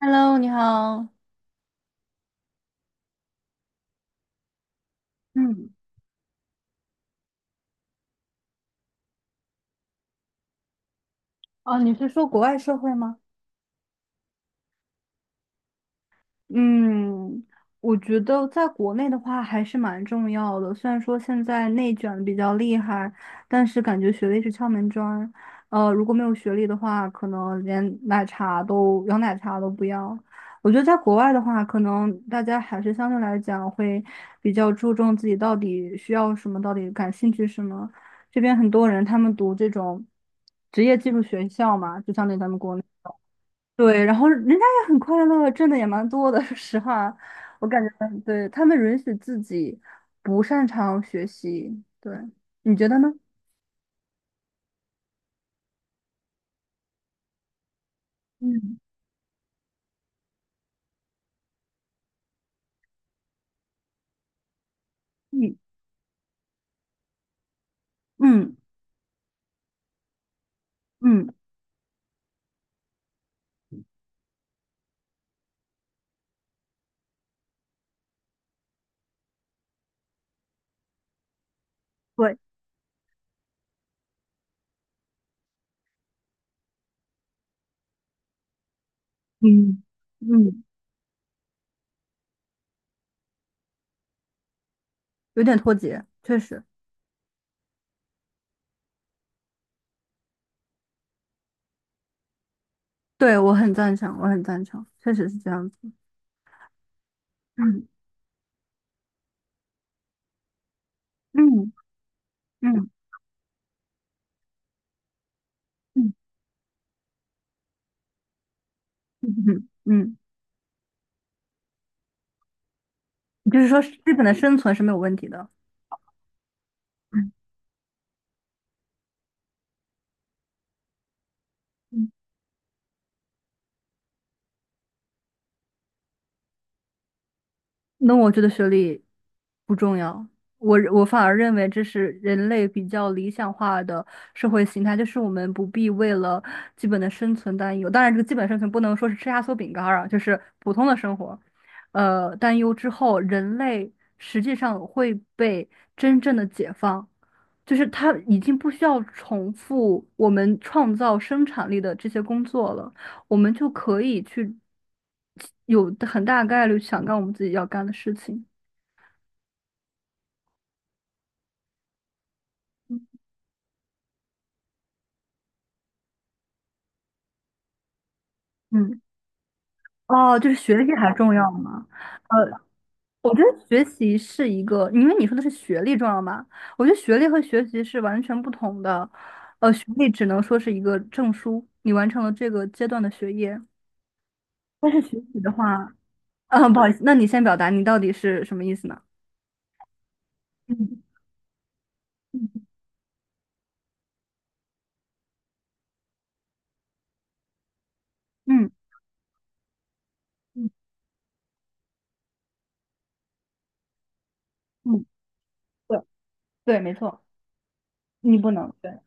Hello，你好。嗯，哦，你是说国外社会吗？嗯，我觉得在国内的话还是蛮重要的。虽然说现在内卷得比较厉害，但是感觉学历是敲门砖。如果没有学历的话，可能连奶茶都摇奶茶都不要。我觉得在国外的话，可能大家还是相对来讲会比较注重自己到底需要什么，到底感兴趣什么。这边很多人他们读这种职业技术学校嘛，就相当于咱们国内。对，然后人家也很快乐，挣的也蛮多的。说实话，我感觉对他们允许自己不擅长学习，对，你觉得呢？嗯，嗯，嗯，嗯，对，嗯，嗯，有点脱节，确实，对，我很赞成，我很赞成，确实是这样子。嗯，嗯，嗯，嗯，嗯，就是说日本的生存是没有问题的。嗯，嗯。那我觉得学历不重要，我反而认为这是人类比较理想化的社会形态，就是我们不必为了基本的生存担忧。当然，这个基本生存不能说是吃压缩饼干儿啊，就是普通的生活，担忧之后，人类实际上会被真正的解放。就是它已经不需要重复我们创造生产力的这些工作了，我们就可以去有很大概率想干我们自己要干的事情。嗯，嗯哦，就是学历还重要吗？呃，我觉得学习是一个，因为你说的是学历重要吗？我觉得学历和学习是完全不同的。学历只能说是一个证书，你完成了这个阶段的学业。但是学习的话，不好意思，那你先表达你到底是什么意思呢？嗯。嗯，嗯，嗯，嗯，对对，没错，你不能对，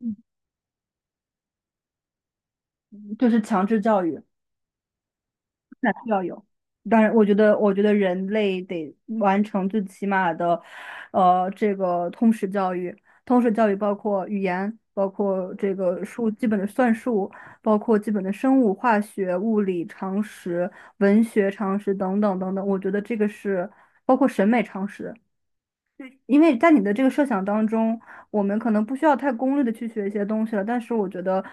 嗯就是强制教育，那需要有。当然，我觉得人类得完成最起码的，这个通识教育。通识教育包括语言，包括这个数基本的算术，包括基本的生物、化学、物理常识、文学常识等等等等。我觉得这个是包括审美常识。因为在你的这个设想当中，我们可能不需要太功利的去学一些东西了，但是我觉得，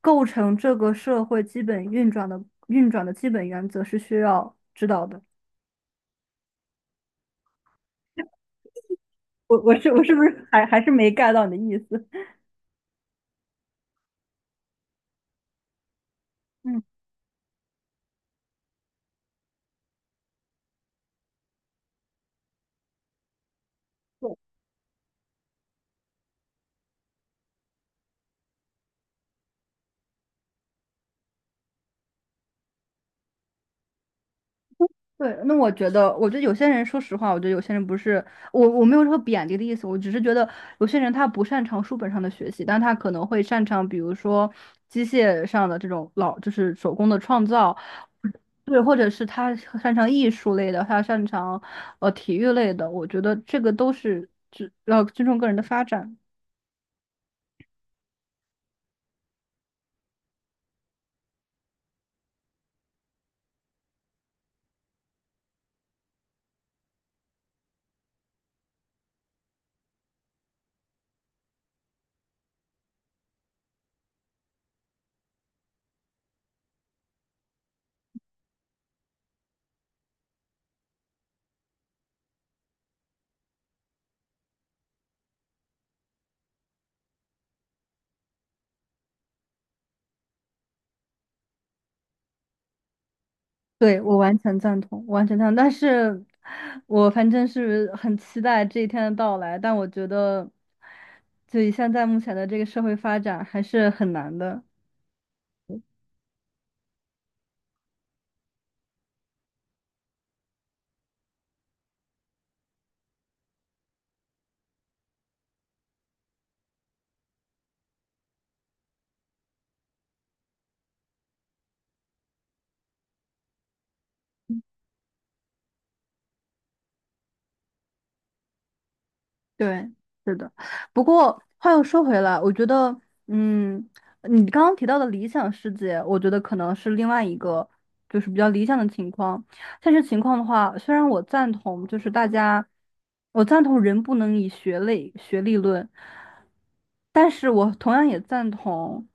构成这个社会基本运转的基本原则是需要知道的。我是不是还是没 get 到你的意思？嗯，对对，那我觉得，我觉得有些人，说实话，我觉得有些人不是我，我没有说贬低的意思，我只是觉得有些人他不擅长书本上的学习，但他可能会擅长，比如说机械上的这种老，就是手工的创造，对，或者是他擅长艺术类的，他擅长体育类的，我觉得这个都是尊要尊重个人的发展。对，我完全赞同。但是，我反正是很期待这一天的到来，但我觉得，就以现在目前的这个社会发展，还是很难的。对，是的。不过话又说回来，我觉得，嗯，你刚刚提到的理想世界，我觉得可能是另外一个，就是比较理想的情况。现实情况的话，虽然我赞同，就是大家，我赞同人不能以学类学历论，但是我同样也赞同，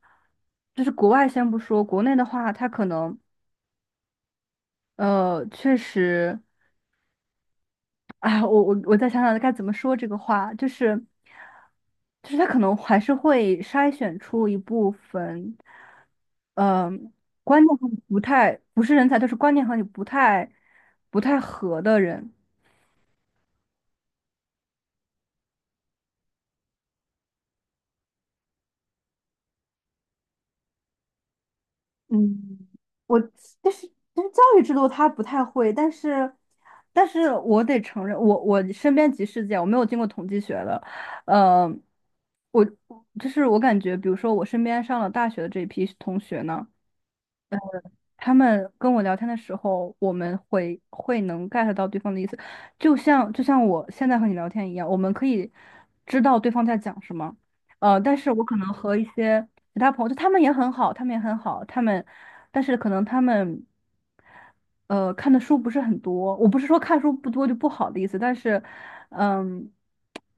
就是国外先不说，国内的话，它可能，确实。哎，我再想想该怎么说这个话，就是，就是他可能还是会筛选出一部分，嗯、观念和你不太不是人才，就是观念和你不太合的人。嗯，我但是教育制度他不太会，但是我得承认，我身边即事件，我没有经过统计学的，呃，我就是我感觉，比如说我身边上了大学的这一批同学呢。他们跟我聊天的时候，我们会能 get 到对方的意思，就像我现在和你聊天一样，我们可以知道对方在讲什么。但是我可能和一些其他朋友，就他们也很好，他们也很好，他们，但是可能他们看的书不是很多。我不是说看书不多就不好的意思，但是嗯，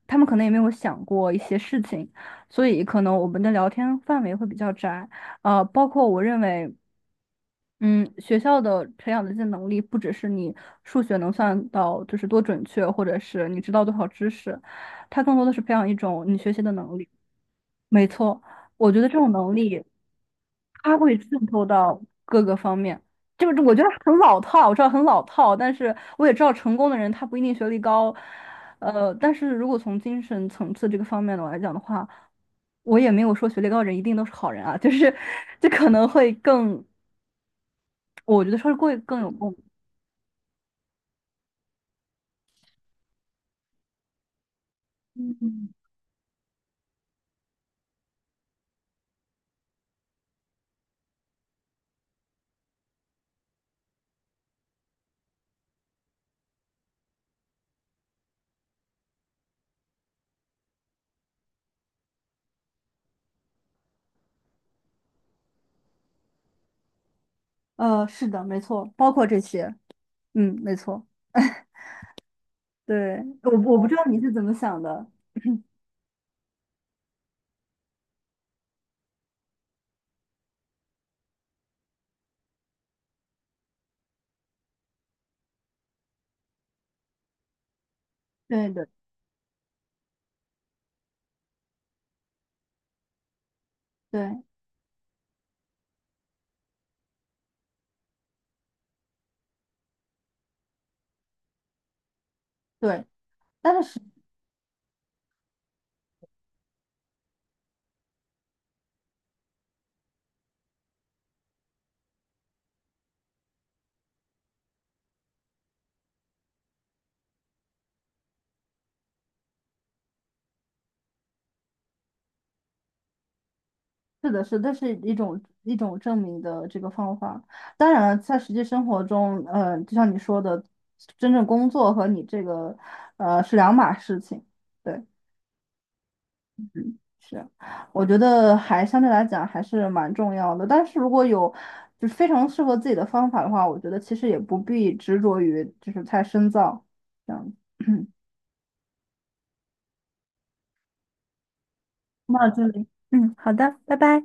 他们可能也没有想过一些事情，所以可能我们的聊天范围会比较窄。包括我认为。嗯，学校的培养的这些能力，不只是你数学能算到就是多准确，或者是你知道多少知识，它更多的是培养一种你学习的能力。没错，我觉得这种能力，它会渗透到各个方面。就是我觉得很老套，我知道很老套，但是我也知道成功的人他不一定学历高，但是如果从精神层次这个方面的我来讲的话，我也没有说学历高的人一定都是好人啊，就是这可能会更。我觉得是会更有共鸣。嗯，是的，没错，包括这些，嗯，没错，对，我不知道你是怎么想的，对的，对对，但是是的是，这是一种证明的这个方法。当然了，在实际生活中，就像你说的，真正工作和你这个是两码事情。对。嗯，是，我觉得还相对来讲还是蛮重要的。但是如果有就是非常适合自己的方法的话，我觉得其实也不必执着于就是太深造这样子。那这里嗯，好的，拜拜。